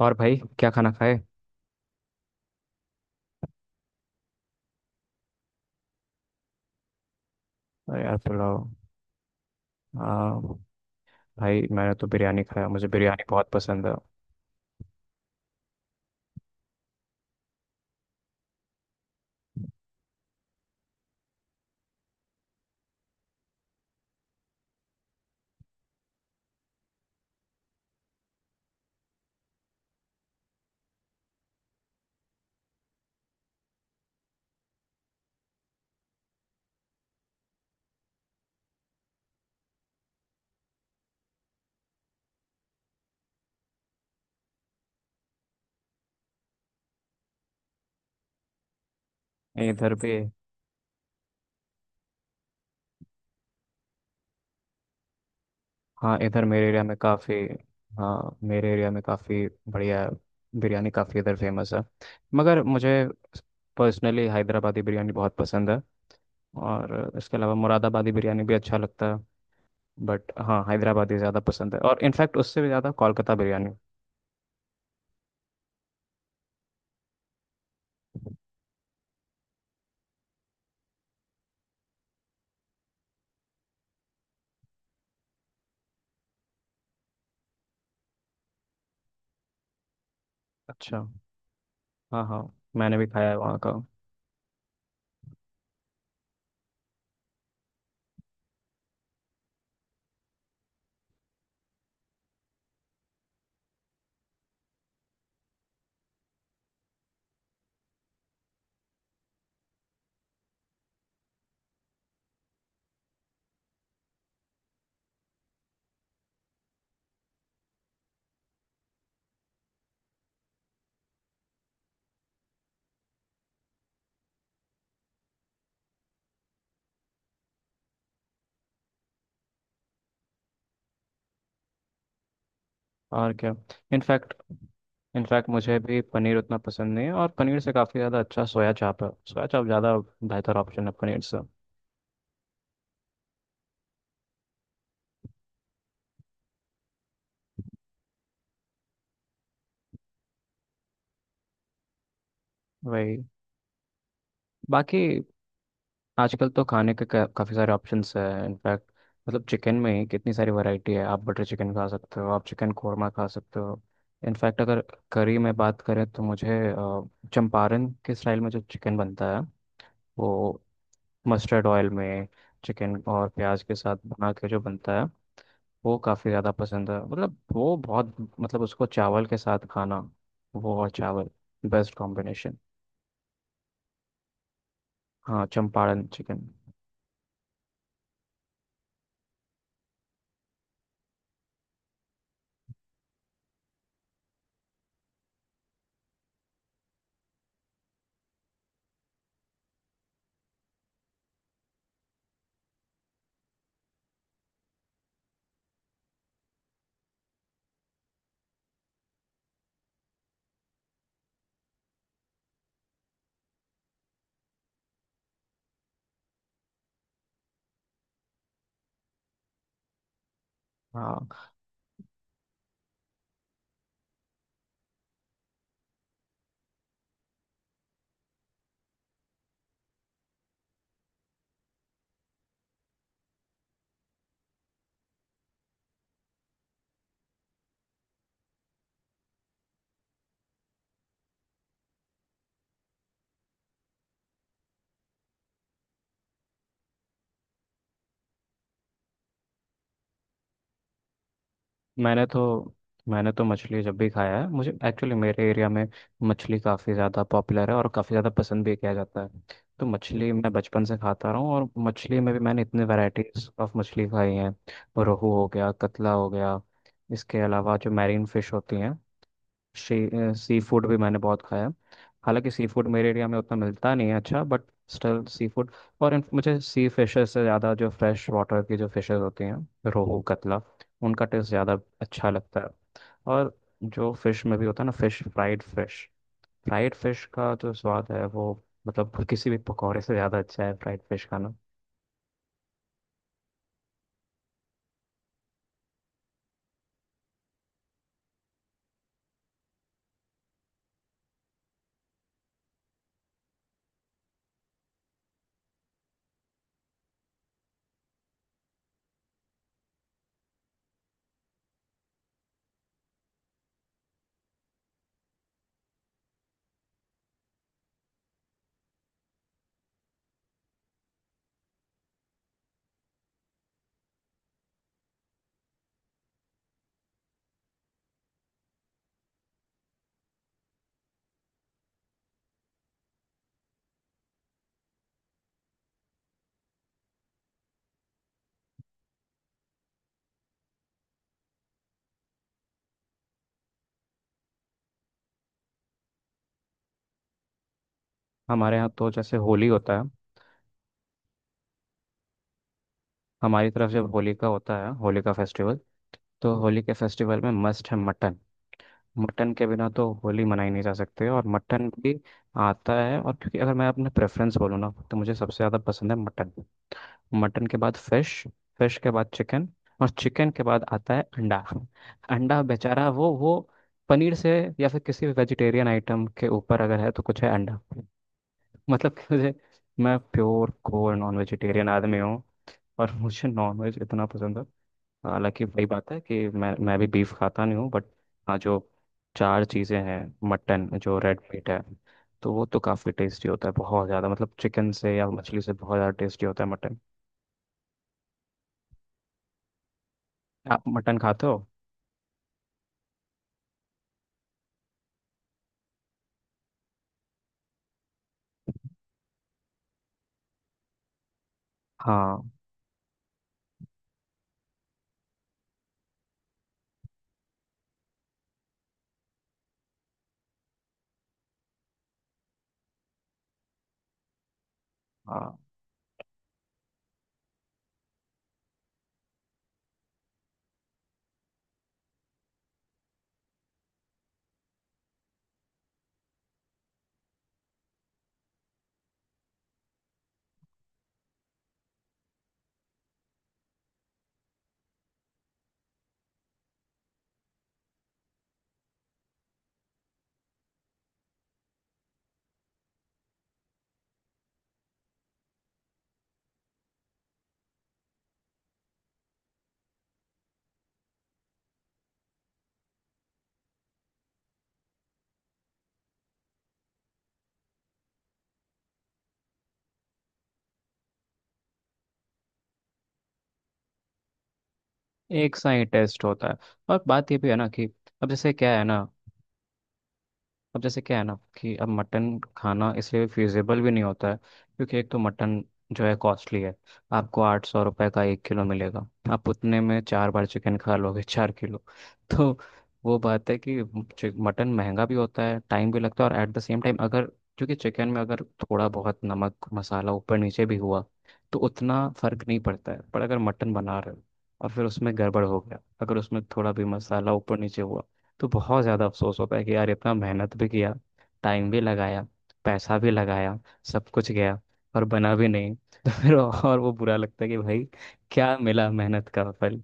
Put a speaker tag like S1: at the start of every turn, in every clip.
S1: और भाई क्या खाना खाए। अरे यार पुलाव। हाँ। भाई मैंने तो बिरयानी खाया, मुझे बिरयानी बहुत पसंद है। इधर भी। हाँ, इधर मेरे एरिया में काफ़ी। हाँ, मेरे एरिया में काफ़ी बढ़िया बिरयानी काफ़ी इधर फेमस है। मगर मुझे पर्सनली हैदराबादी बिरयानी बहुत पसंद है। और इसके अलावा मुरादाबादी बिरयानी भी अच्छा लगता है। बट हाँ, हैदराबादी ज़्यादा पसंद है, और इनफैक्ट उससे भी ज़्यादा कोलकाता बिरयानी। अच्छा। हाँ, हाँ, मैंने भी खाया है वहाँ का। और क्या। इनफैक्ट इनफैक्ट मुझे भी पनीर उतना पसंद नहीं है, और पनीर से काफ़ी ज़्यादा अच्छा सोया चाप है। सोया चाप ज़्यादा बेहतर ऑप्शन है पनीर से। वही। बाकी आजकल तो खाने के काफ़ी सारे ऑप्शंस हैं। इनफैक्ट मतलब चिकन में ही कितनी सारी वैरायटी है, आप बटर चिकन खा सकते हो, आप चिकन कोरमा खा सकते हो। इनफैक्ट अगर करी में बात करें तो मुझे चंपारण के स्टाइल में जो चिकन बनता है, वो मस्टर्ड ऑयल में चिकन और प्याज के साथ बना के जो बनता है, वो काफ़ी ज़्यादा पसंद है। मतलब वो बहुत, मतलब उसको चावल के साथ खाना, वो और चावल बेस्ट कॉम्बिनेशन। हाँ, चंपारण चिकन। हाँ, मैंने तो मैंने तो मछली जब भी खाया है, मुझे एक्चुअली मेरे एरिया में मछली काफ़ी ज़्यादा पॉपुलर है और काफ़ी ज़्यादा पसंद भी किया जाता है। तो मछली मैं बचपन से खाता रहा हूँ, और मछली में भी मैंने इतने वैरायटीज ऑफ मछली खाई हैं। रोहू हो गया, कतला हो गया। इसके अलावा जो मैरीन फिश होती हैं, शी सी फूड भी मैंने बहुत खाया। हालांकि सी फूड मेरे एरिया में उतना मिलता नहीं है अच्छा, बट स्टिल सी फूड। और मुझे सी फिशेस से ज़्यादा जो फ्रेश वाटर की जो फिशेस होती हैं, रोहू, कतला, उनका टेस्ट ज़्यादा अच्छा लगता है। और जो फिश में भी होता है ना, fish fried fish, fried fish का जो स्वाद है वो, मतलब किसी भी पकौड़े से ज़्यादा अच्छा है फ्राइड फिश खाना। हमारे यहाँ तो जैसे होली होता है, हमारी तरफ जब होली का होता है, होली का फेस्टिवल, तो होली के फेस्टिवल में मस्ट है मटन। मटन के बिना तो होली मनाई नहीं जा सकती। और मटन भी आता है। और क्योंकि अगर मैं अपना प्रेफरेंस बोलूँ ना, तो मुझे सबसे ज़्यादा पसंद है मटन। मटन के बाद फिश, फिश के बाद चिकन, और चिकन के बाद आता है अंडा। अंडा बेचारा वो पनीर से, या फिर किसी भी वेजिटेरियन आइटम के ऊपर अगर है तो कुछ है अंडा। मतलब कि मुझे, मैं प्योर कोर नॉन वेजिटेरियन आदमी हूँ, और मुझे नॉन वेज इतना पसंद है। हालांकि वही बात है कि मैं भी बीफ खाता नहीं हूँ। बट हाँ, जो चार चीज़ें हैं, मटन जो रेड मीट है, तो वो तो काफ़ी टेस्टी होता है, बहुत ज़्यादा, मतलब चिकन से या मछली से बहुत ज़्यादा टेस्टी होता है मटन। आप मटन खाते हो? हाँ हाँ। एक सा ही टेस्ट होता है, और बात ये भी है ना कि, अब जैसे क्या है ना, अब जैसे क्या है ना कि अब मटन खाना इसलिए फिजिबल भी नहीं होता है, क्योंकि एक तो मटन जो है कॉस्टली है। आपको 800 रुपये का 1 किलो मिलेगा, आप उतने में चार बार चिकन खा लोगे, 4 किलो। तो वो बात है कि मटन महंगा भी होता है, टाइम भी लगता है। और एट द सेम टाइम अगर, क्योंकि चिकन में अगर थोड़ा बहुत नमक मसाला ऊपर नीचे भी हुआ तो उतना फर्क नहीं पड़ता है, पर अगर मटन बना रहे हो और फिर उसमें गड़बड़ हो गया, अगर उसमें थोड़ा भी मसाला ऊपर नीचे हुआ तो बहुत ज़्यादा अफसोस होता है कि यार इतना मेहनत भी किया, टाइम भी लगाया, पैसा भी लगाया, सब कुछ गया, और बना भी नहीं। तो फिर और वो बुरा लगता है कि भाई क्या मिला मेहनत का फल।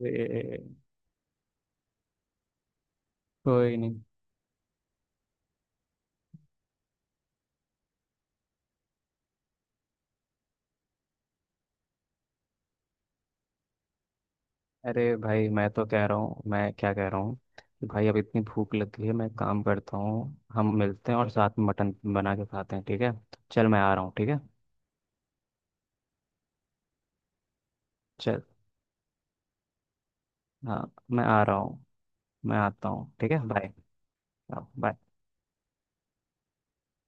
S1: ए, कोई नहीं। अरे भाई, मैं तो कह रहा हूँ, मैं क्या कह रहा हूँ कि भाई अब इतनी भूख लग गई है, मैं काम करता हूँ, हम मिलते हैं और साथ में मटन बना के खाते हैं, ठीक है। चल मैं आ रहा हूँ, ठीक है। चल। हाँ, मैं आ रहा हूँ। मैं आता हूँ, ठीक है, बाय। हाँ, बाय।